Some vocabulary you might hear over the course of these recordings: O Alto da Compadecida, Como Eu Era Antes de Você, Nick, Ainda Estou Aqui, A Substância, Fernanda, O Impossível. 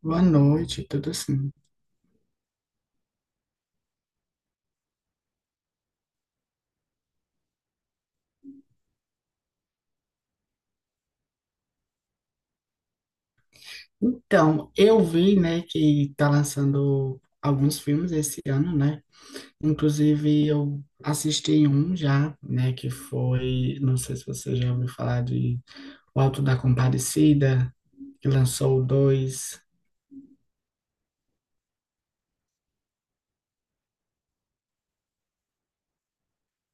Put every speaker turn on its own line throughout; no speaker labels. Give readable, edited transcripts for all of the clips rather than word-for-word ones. Boa noite, tudo assim. Então, eu vi, né, que tá lançando alguns filmes esse ano, né? Inclusive, eu assisti um já, né, que foi, não sei se você já ouviu falar de O Alto da Compadecida, que lançou o dois.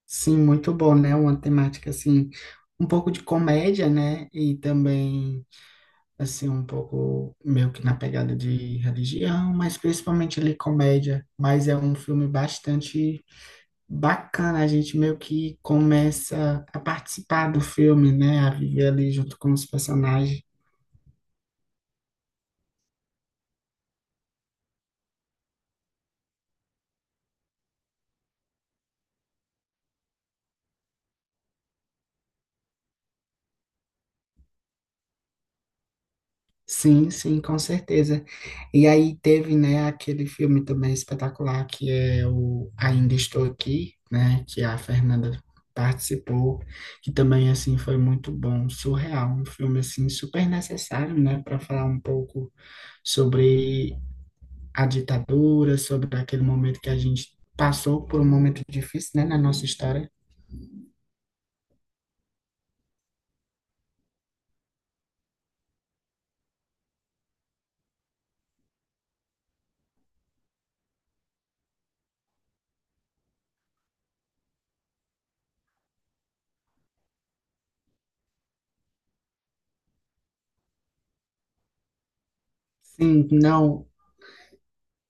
Sim, muito bom, né? Uma temática, assim, um pouco de comédia, né? E também, assim, um pouco meio que na pegada de religião, mas principalmente ali comédia. Mas é um filme bastante bacana, a gente meio que começa a participar do filme, né? A viver ali junto com os personagens. Sim, sim, com certeza. E aí teve, né, aquele filme também espetacular que é o Ainda Estou Aqui, né, que a Fernanda participou, que também assim foi muito bom, surreal, um filme assim super necessário, né, para falar um pouco sobre a ditadura, sobre aquele momento que a gente passou por um momento difícil, né, na nossa história. Sim, não,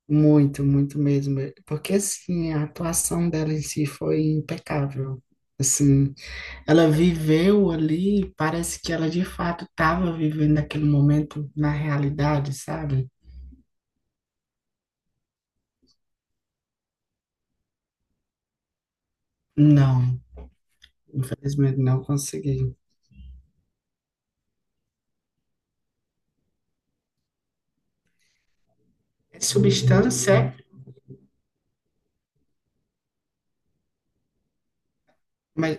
muito, muito mesmo. Porque, assim, a atuação dela em si foi impecável. Assim, ela viveu ali, parece que ela de fato estava vivendo aquele momento na realidade, sabe? Não, infelizmente não consegui. É substância, mas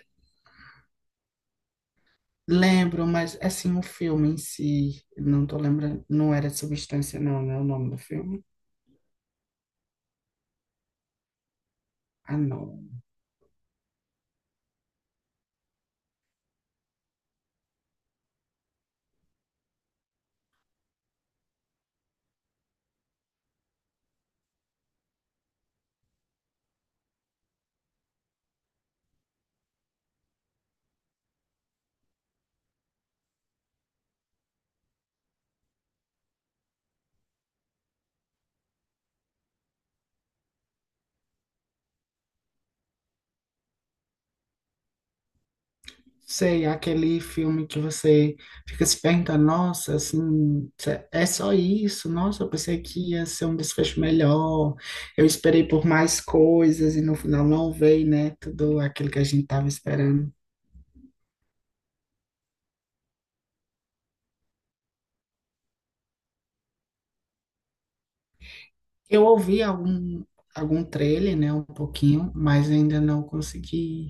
lembro, mas assim, o filme em si, não tô lembrando, não era substância, não, não é o nome do filme? Ah, não. Sei, aquele filme que você fica se perguntando, nossa, assim, é só isso? Nossa, eu pensei que ia ser um desfecho melhor. Eu esperei por mais coisas e no final não veio, né? Tudo aquilo que a gente tava esperando. Eu ouvi algum trailer, né? Um pouquinho, mas ainda não consegui,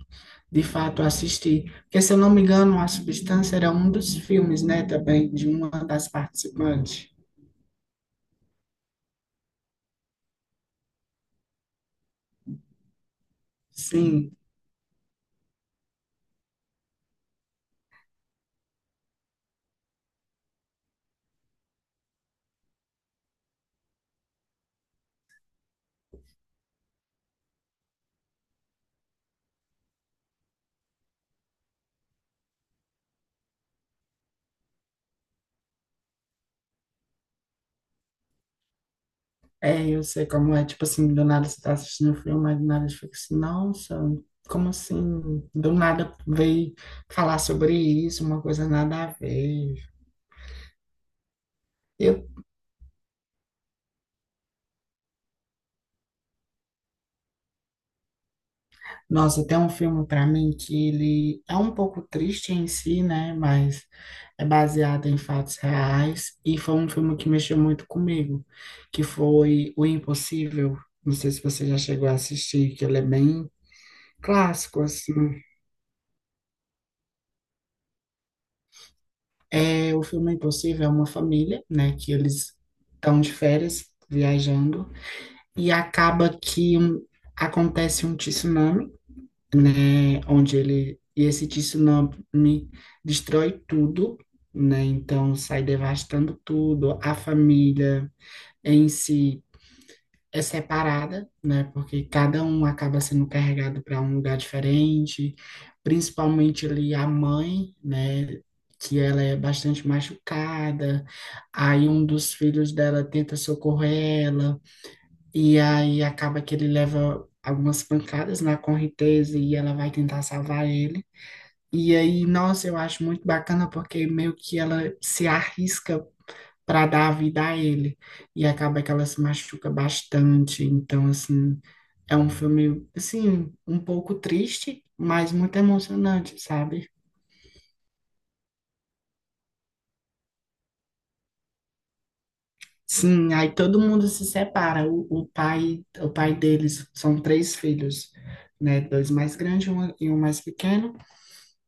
de fato, assistir. Porque, se eu não me engano, A Substância era um dos filmes, né? Também, de uma das participantes. Sim. É, eu sei como é, tipo assim, do nada você tá assistindo um filme, aí do nada você fica assim, nossa, como assim? Do nada veio falar sobre isso, uma coisa nada a ver. Eu, nossa, tem um filme pra mim que ele é um pouco triste em si, né? Mas é baseado em fatos reais e foi um filme que mexeu muito comigo, que foi O Impossível. Não sei se você já chegou a assistir, que ele é bem clássico, assim. É, o filme Impossível é uma família, né, que eles estão de férias, viajando, e acaba que acontece um tsunami, né, onde ele, e esse tsunami destrói tudo, né, então sai devastando tudo, a família em si é separada, né? Porque cada um acaba sendo carregado para um lugar diferente, principalmente ali a mãe, né? Que ela é bastante machucada, aí um dos filhos dela tenta socorrer ela, e aí acaba que ele leva algumas pancadas na correnteza e ela vai tentar salvar ele. E aí, nossa, eu acho muito bacana porque meio que ela se arrisca para dar a vida a ele. E acaba que ela se machuca bastante. Então, assim, é um filme, assim, um pouco triste, mas muito emocionante, sabe? Sim, aí todo mundo se separa. O pai deles são três filhos, né? Dois mais grandes e um mais pequeno.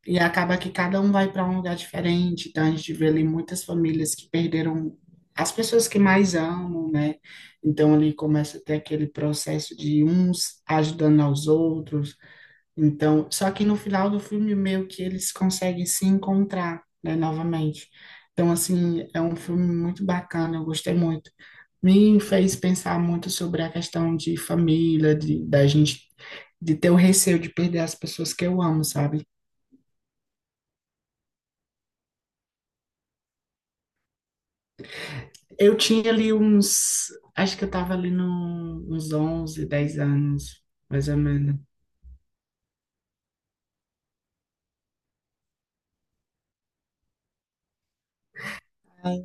E acaba que cada um vai para um lugar diferente, então a gente vê ali muitas famílias que perderam as pessoas que mais amam, né? Então ali começa a ter aquele processo de uns ajudando aos outros. Então, só que no final do filme meio que eles conseguem se encontrar, né, novamente. Então, assim, é um filme muito bacana, eu gostei muito. Me fez pensar muito sobre a questão de família, de, da gente, de ter o receio de perder as pessoas que eu amo, sabe? Eu tinha ali uns, acho que eu tava ali no, uns 11, 10 anos, mais ou menos. Ai,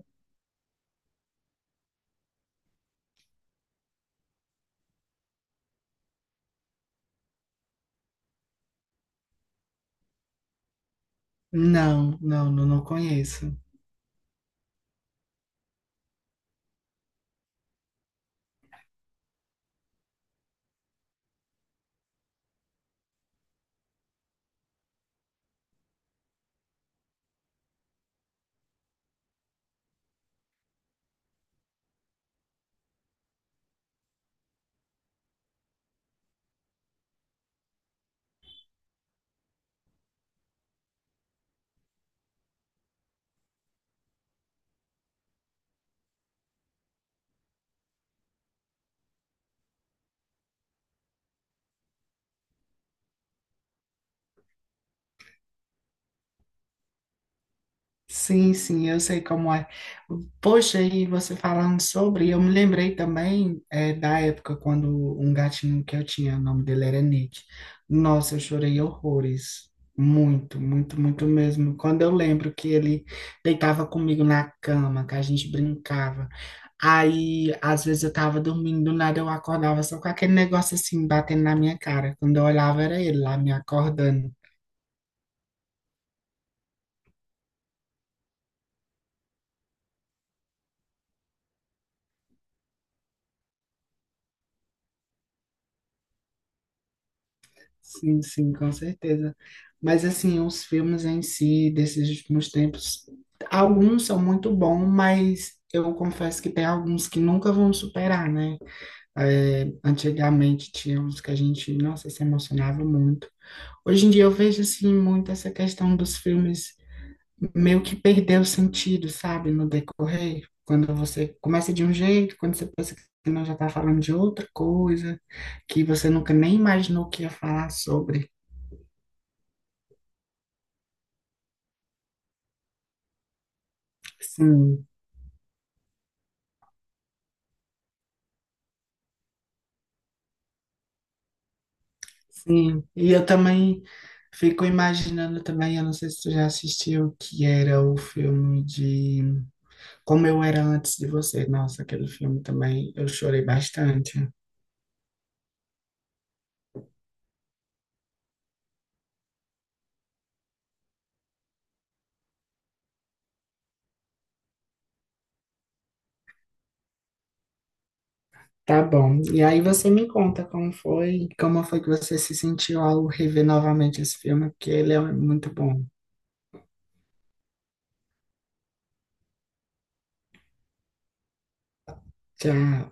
não, não, não, não conheço. Sim, sim, eu sei como é. Poxa, e você falando sobre, eu me lembrei também da época quando um gatinho que eu tinha, o nome dele era Nick. Nossa, eu chorei horrores. Muito, muito, muito mesmo. Quando eu lembro que ele deitava comigo na cama, que a gente brincava. Aí, às vezes eu tava dormindo, do nada eu acordava só com aquele negócio assim, batendo na minha cara. Quando eu olhava, era ele lá me acordando. Sim, sim, com certeza. Mas assim, os filmes em si desses últimos tempos, alguns são muito bons, mas eu confesso que tem alguns que nunca vão superar, né? É, antigamente tinha uns que a gente, nossa, se emocionava muito. Hoje em dia eu vejo assim muito essa questão dos filmes meio que perdeu o sentido, sabe, no decorrer. Quando você começa de um jeito, quando você pensa que não já está falando de outra coisa, que você nunca nem imaginou que ia falar sobre. Sim, sim. E eu também fico imaginando também, eu não sei se tu já assistiu, que era o filme de Como Eu Era Antes de Você. Nossa, aquele filme também eu chorei bastante. Tá bom. E aí você me conta como foi que você se sentiu ao rever novamente esse filme, porque ele é muito bom. Tchau.